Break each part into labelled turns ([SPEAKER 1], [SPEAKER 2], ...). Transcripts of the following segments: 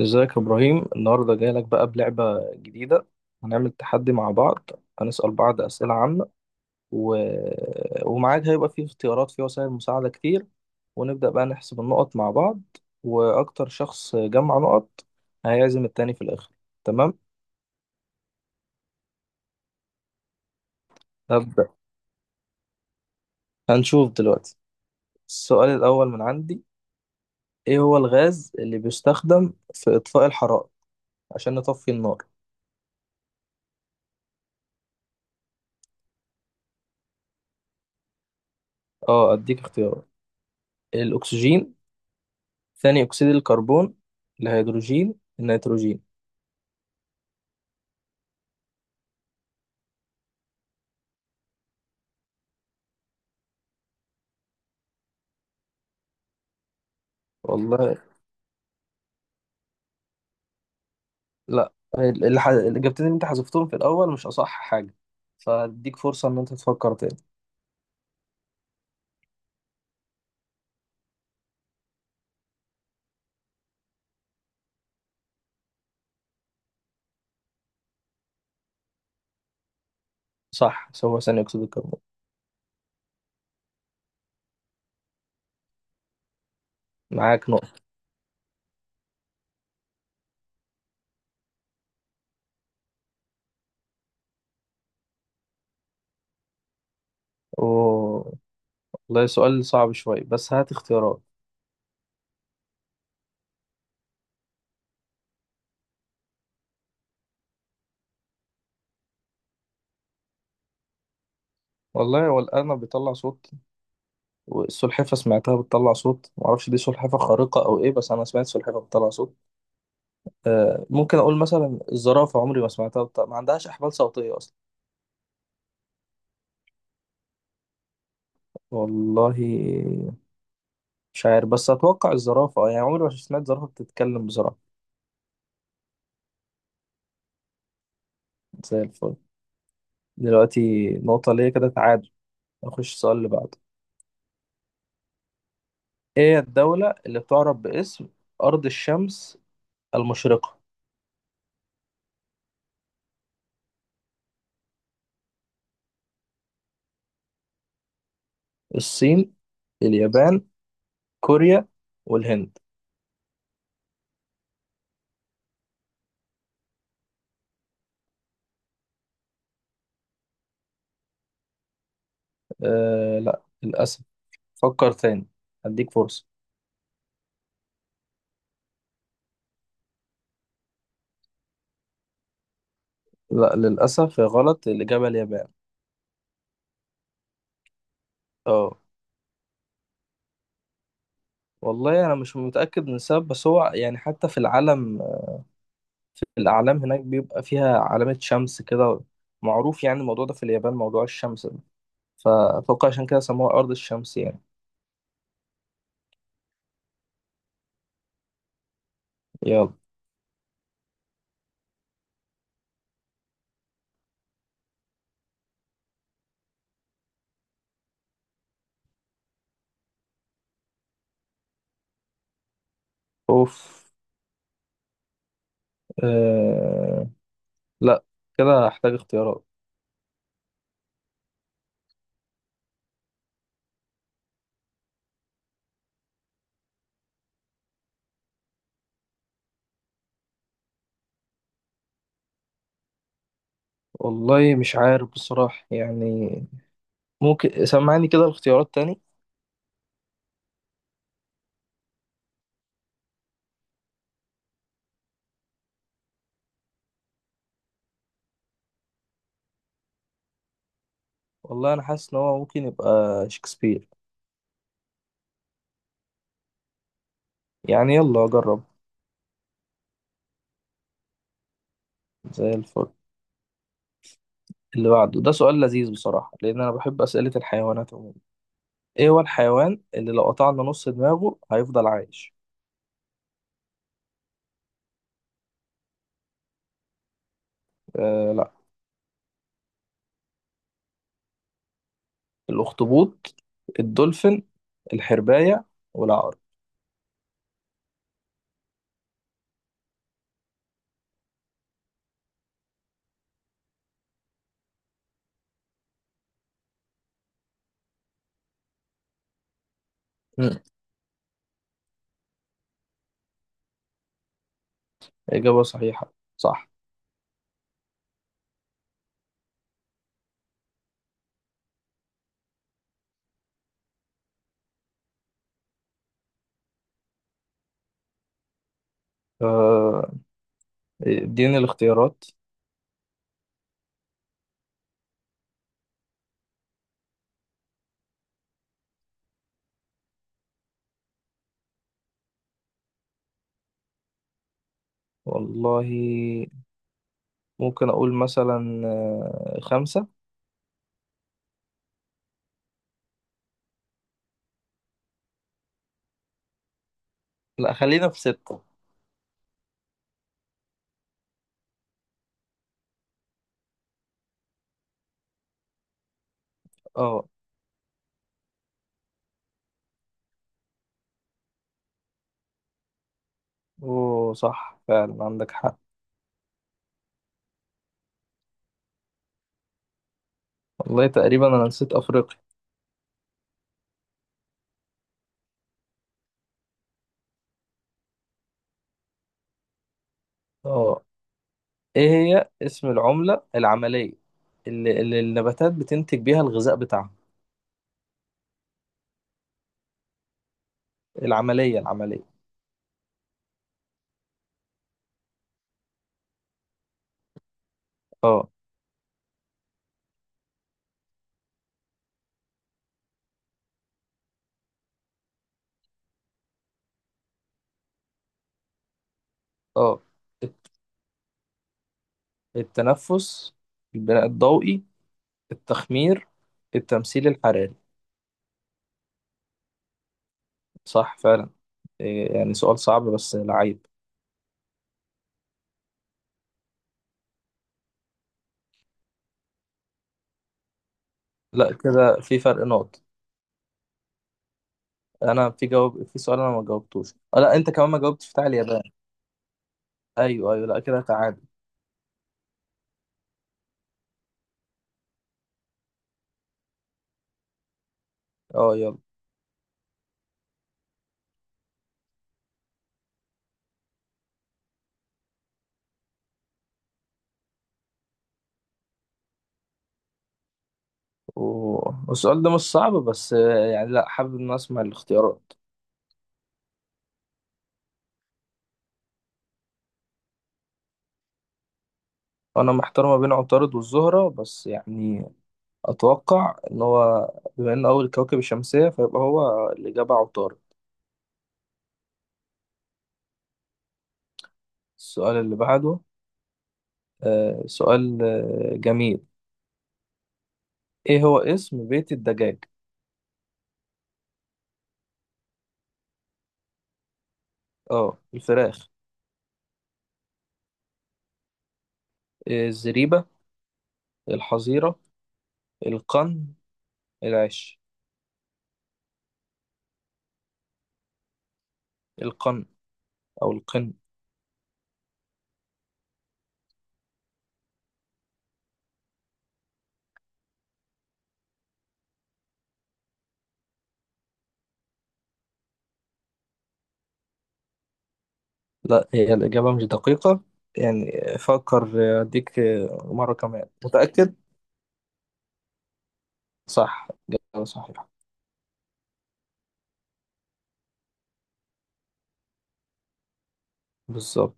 [SPEAKER 1] ازيك يا ابراهيم، النهارده جاي لك بقى بلعبه جديده. هنعمل تحدي مع بعض. هنسال بعض اسئله عامه و... ومعاك هيبقى فيه اختيارات، فيه وسائل مساعده كتير. ونبدا بقى نحسب النقط مع بعض، واكتر شخص جمع نقط هيعزم التاني في الاخر. تمام. هبدا. هنشوف دلوقتي. السؤال الاول من عندي: ايه هو الغاز اللي بيستخدم في اطفاء الحرائق عشان نطفي النار؟ اه، اديك اختيارات: الاكسجين، ثاني أكسيد الكربون، الهيدروجين، النيتروجين. والله لا. الإجابتين اللي أنت حذفتهم في الأول مش أصح حاجة، فأديك فرصة إن أنت تفكر تاني. صح، هو ثاني أكسيد الكربون. معاك نقطة. أوه. والله سؤال صعب شوية، بس هات اختيارات. والله، هو الأرنب بيطلع صوت، والسلحفة سمعتها بتطلع صوت، معرفش دي سلحفة خارقة أو إيه، بس أنا سمعت سلحفة بتطلع صوت. آه، ممكن أقول مثلا الزرافة، عمري ما سمعتها بتطلع. ما عندهاش أحبال صوتية أصلا. والله مش عارف، بس اتوقع الزرافه، اه يعني عمري ما سمعت زرافه بتتكلم بسرعه. زي الفل. دلوقتي نقطه ليا، كده تعادل. نخش السؤال اللي بعده. ايه الدوله اللي بتعرف باسم ارض الشمس المشرقه؟ الصين، اليابان، كوريا، والهند. آه لا، للاسف. فكر تاني، هديك فرصه. لا للاسف، يا غلط. الاجابه اليابان. اه. والله انا مش متاكد من السبب، بس هو يعني حتى في العالم، الأعلام هناك بيبقى فيها علامة شمس كده، معروف يعني الموضوع ده في اليابان، موضوع الشمس ده، فأتوقع عشان كده سموها أرض الشمس يعني. يلا. أوف. آه... لا، كده هحتاج اختيارات. والله مش عارف بصراحة يعني. ممكن سمعني كده الاختيارات تاني. والله أنا حاسس إن هو ممكن يبقى شكسبير. يعني يلا أجرب. زي الفل. اللي بعده ده سؤال لذيذ بصراحة، لأن أنا بحب أسئلة الحيوانات عموما. إيه هو الحيوان اللي لو قطعنا نص دماغه هيفضل عايش؟ لا، الأخطبوط، الدولفين، الحرباية، والعقرب. مم. إجابة صحيحة، صح. آه، اديني الاختيارات. والله ممكن أقول مثلا خمسة. لا، خلينا في ستة. اه. اوه صح، فعلا عندك حق. والله تقريبا أنا نسيت أفريقيا. اه. ايه هي اسم العملة العملية اللي النباتات بتنتج بيها الغذاء بتاعها. العملية العملية. اه. اه. الت- التنفس، البناء الضوئي، التخمير، التمثيل الحراري. صح فعلا. يعني سؤال صعب بس لعيب. لا، كده في فرق نقط. انا في جواب، في سؤال انا ما جاوبتوش. لا، انت كمان ما جاوبتش بتاع اليابان. ايوه ايوه، لا كده تعادل. اه يلا. والسؤال ده مش صعب، بس يعني لا، حابب ان أنا اسمع الاختيارات. انا محتار ما بين عطارد والزهرة، بس يعني اتوقع ان هو، بما انه اول كوكب الشمسية، فيبقى هو الاجابة عطارد. السؤال اللي بعده. سؤال جميل. ايه هو اسم بيت الدجاج؟ اه الفراخ. إيه، الزريبة، الحظيرة، القن، العش. القن، او القن. لا، هي الإجابة مش دقيقة يعني. فكر، اديك مرة كمان. متأكد؟ صح، إجابة صحيحة. بالظبط.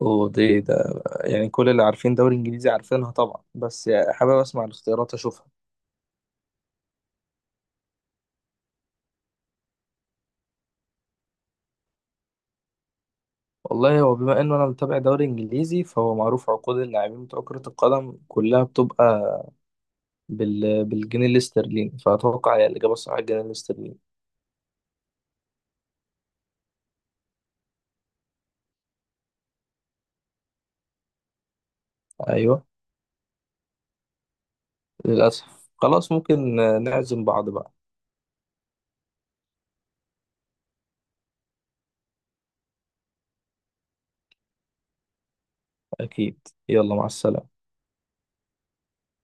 [SPEAKER 1] ودي ده يعني كل اللي عارفين دوري انجليزي عارفينها طبعا، بس يعني حابب اسمع الاختيارات اشوفها. والله، هو بما انه انا متابع دوري انجليزي، فهو معروف عقود اللاعبين بتوع كرة القدم كلها بتبقى بالجنيه الاسترليني، فأتوقع هي الإجابة الصحيحة الجنيه الاسترليني. أيوه. للأسف، خلاص ممكن نعزم بعض بقى. أكيد. يلا مع السلامة.